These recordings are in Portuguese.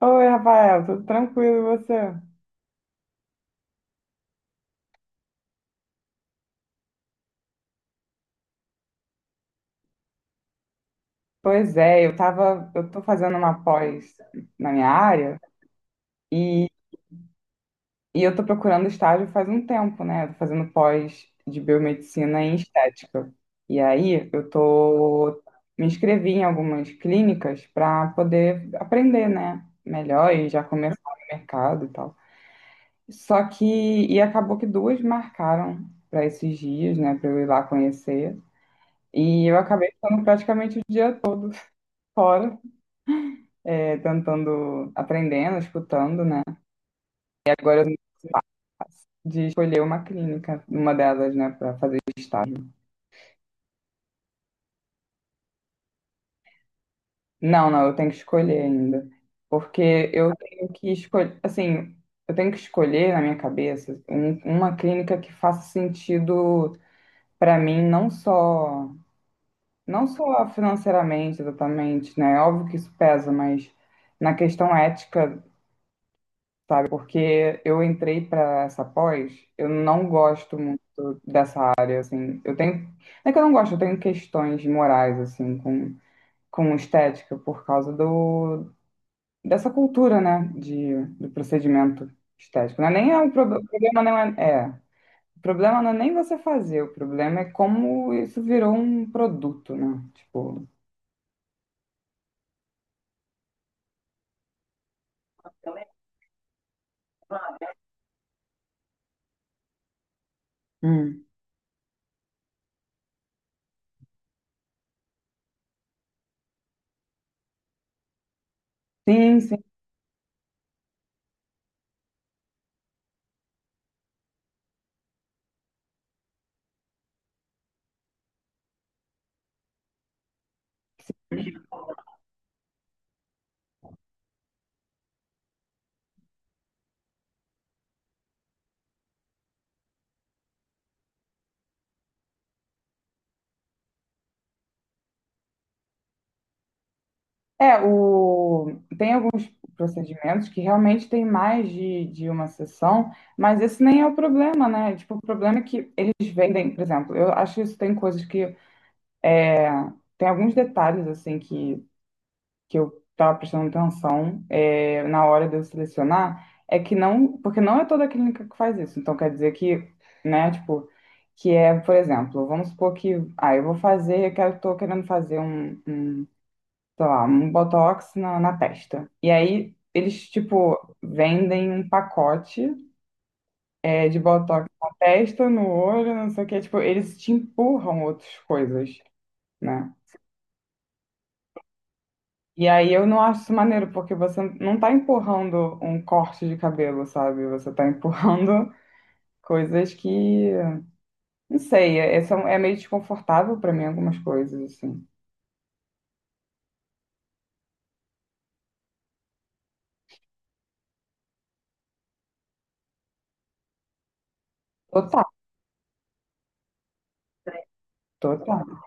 Oi, Rafael, tudo tranquilo e você? Pois é, eu tô fazendo uma pós na minha área e, e eu tô procurando estágio faz um tempo, né? Eu tô fazendo pós de biomedicina em estética. E aí eu tô me inscrevi em algumas clínicas para poder aprender, né, melhor e já começar no mercado e tal. Só que E acabou que duas marcaram para esses dias, né, para eu ir lá conhecer. E eu acabei ficando praticamente o dia todo fora. É, tentando, aprendendo, escutando, né? Agora de escolher uma clínica, uma delas, né, para fazer estágio. Não, não, eu tenho que escolher ainda, porque eu tenho que escolher, assim, eu tenho que escolher na minha cabeça uma clínica que faça sentido para mim, não só financeiramente, exatamente, né? É óbvio que isso pesa, mas na questão ética, sabe? Porque eu entrei para essa pós, eu não gosto muito dessa, assim, eu tenho, não é que eu não gosto, eu tenho questões morais, assim, com estética, dessa cultura, né, de, do procedimento estético. Não é nem é um prob- O problema não é, é, o problema não é nem você fazer, o problema é como isso virou um produto, né, tipo. Hum. Sim, sim. É, o, tem alguns procedimentos que realmente tem mais de uma sessão, mas esse nem é o problema, né, tipo, o problema é que eles vendem, por exemplo, eu acho que isso tem coisas que. Tem alguns detalhes assim que eu estava prestando atenção é, na hora de eu selecionar, é que não, porque não é toda clínica que faz isso. Então quer dizer que, né, tipo, que é, por exemplo, vamos supor que, ah, eu vou fazer, eu quero, tô querendo fazer um, sei lá, um botox na testa. E aí eles, tipo, vendem um pacote, é, de botox na testa, no olho, não sei o que tipo, eles te empurram outras coisas, né? E aí eu não acho isso maneiro, porque você não tá empurrando um corte de cabelo, sabe? Você tá empurrando coisas que, não sei, é, é meio desconfortável pra mim algumas coisas, assim. Total, total.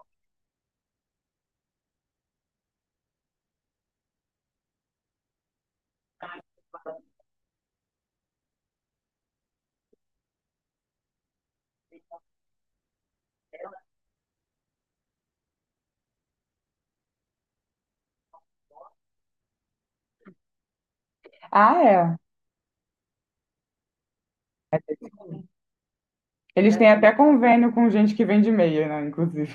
Ah, é. Eles têm até convênio com gente que vende meia, né, inclusive.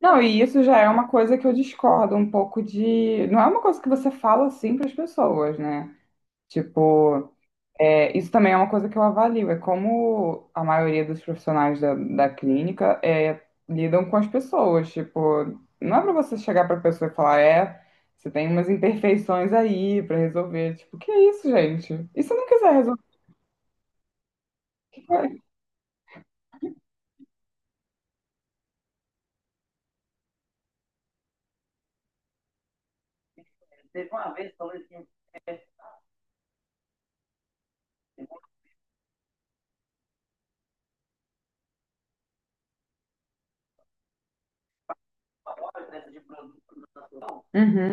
Não, e isso já é uma coisa que eu discordo um pouco de. Não é uma coisa que você fala assim para as pessoas, né? Tipo, é, isso também é uma coisa que eu avalio, é como a maioria dos profissionais da clínica é, lidam com as pessoas. Tipo, não é pra você chegar pra pessoa e falar, é, você tem umas imperfeições aí pra resolver. Tipo, que é isso, gente? E se não quiser resolver, o que faz? Hum.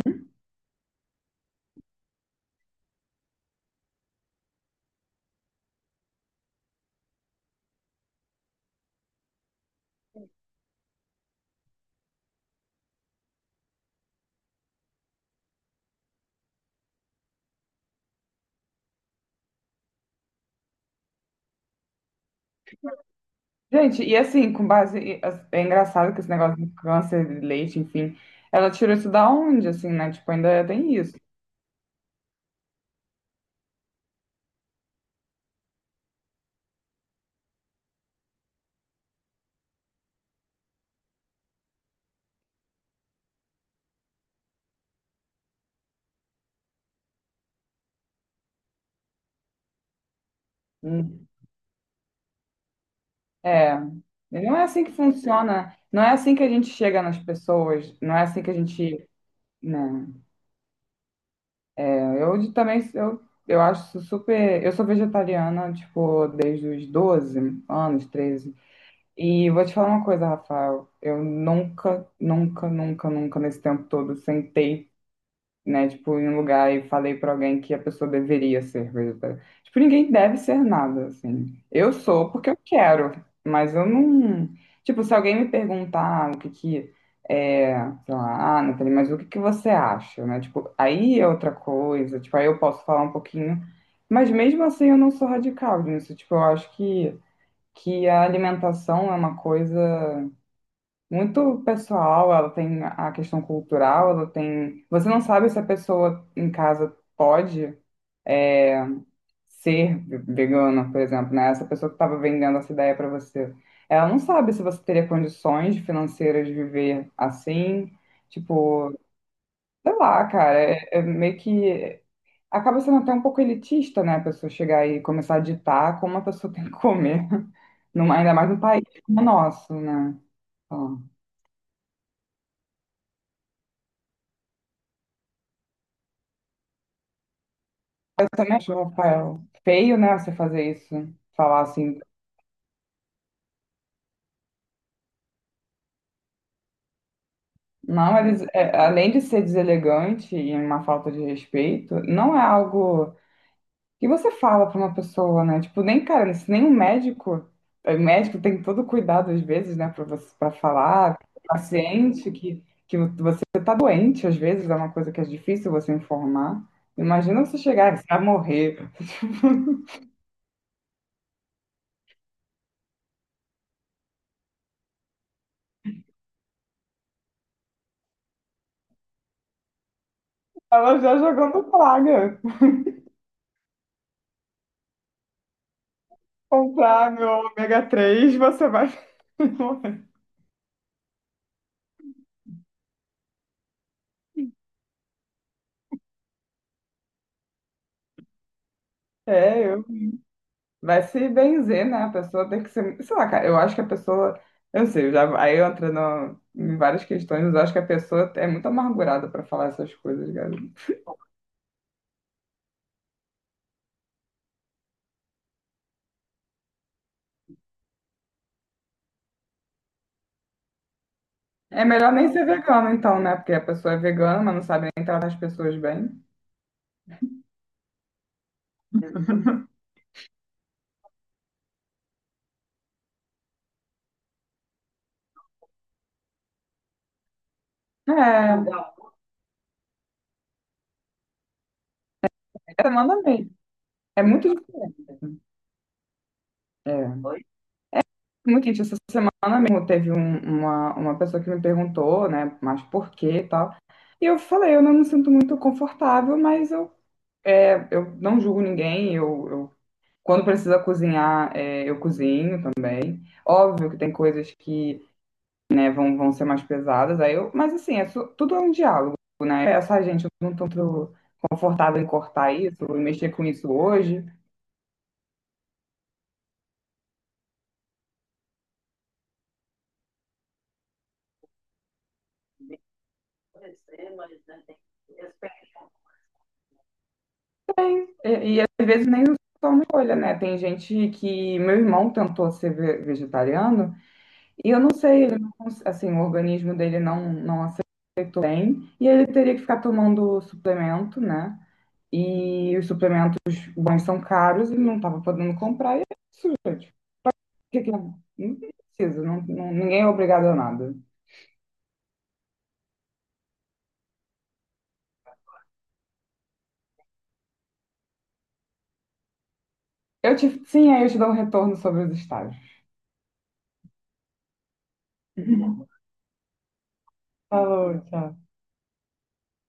Gente, e assim, com base, é engraçado que esse negócio de câncer de leite, enfim, ela tirou isso da onde, assim, né? Tipo, ainda tem isso. É, não é assim que funciona, não é assim que a gente chega nas pessoas, não é assim que a gente, né? Eu também, eu acho super, eu sou vegetariana, tipo, desde os 12 anos, 13. E vou te falar uma coisa, Rafael, eu nunca, nunca, nunca, nunca, nesse tempo todo, sentei, né? Tipo, em um lugar e falei pra alguém que a pessoa deveria ser vegetariana. Tipo, ninguém deve ser nada, assim. Eu sou porque eu quero, mas eu não. Tipo, se alguém me perguntar o que que é, sei lá, ah, Nathalie, mas o que que você acha, né? Tipo, aí é outra coisa, tipo, aí eu posso falar um pouquinho, mas mesmo assim eu não sou radical nisso. Tipo, eu acho que a alimentação é uma coisa muito pessoal, ela tem a questão cultural, ela tem. Você não sabe se a pessoa em casa pode ser vegana, por exemplo, né? Essa pessoa que estava vendendo essa ideia para você. Ela não sabe se você teria condições financeiras de viver assim. Tipo, sei lá, cara, é, é meio que. Acaba sendo até um pouco elitista, né? A pessoa chegar e começar a ditar como a pessoa tem que comer, ainda mais num país como o nosso, né? Eu também acho, Rafael, feio, né, você fazer isso. Falar assim, não, eles, é, além de ser deselegante e uma falta de respeito, não é algo que você fala pra uma pessoa, né? Tipo, nem, cara, se nem um médico, o médico tem todo cuidado às vezes, né, pra você, para falar, paciente que você tá doente, às vezes é uma coisa que é difícil você informar. Imagina você chegar, você vai morrer, ela já jogando praga. Comprar meu ômega 3 você vai morrer. É, eu. Vai se benzer, né? A pessoa tem que ser. Sei lá, cara, eu acho que a pessoa. Eu não sei, eu já, aí eu entro em várias questões, mas eu acho que a pessoa é muito amargurada pra falar essas coisas, cara. É melhor nem ser vegano, então, né? Porque a pessoa é vegana, mas não sabe nem tratar as pessoas bem. É, é, manda bem. É muito diferente. É. Muito gente, essa. Ah, mesmo teve uma pessoa que me perguntou, né, mas por quê e tal. E eu falei, eu não me sinto muito confortável, mas eu, é, eu não julgo ninguém, quando precisa cozinhar, é, eu cozinho também. Óbvio que tem coisas que, né, vão ser mais pesadas, aí eu, mas assim, é, su- tudo é um diálogo, né? Essa gente, eu não tô muito confortável em cortar isso, em mexer com isso hoje. E às vezes nem só uma escolha, né? Tem gente que, meu irmão tentou ser vegetariano. E eu não sei, ele não, cons- assim, o organismo dele não, não aceitou bem, e ele teria que ficar tomando suplemento, né? E os suplementos bons são caros e não estava podendo comprar, e é isso, gente. Não precisa, ninguém é obrigado a nada. Sim, aí eu te dou um retorno sobre os estágios. Falou, tchau.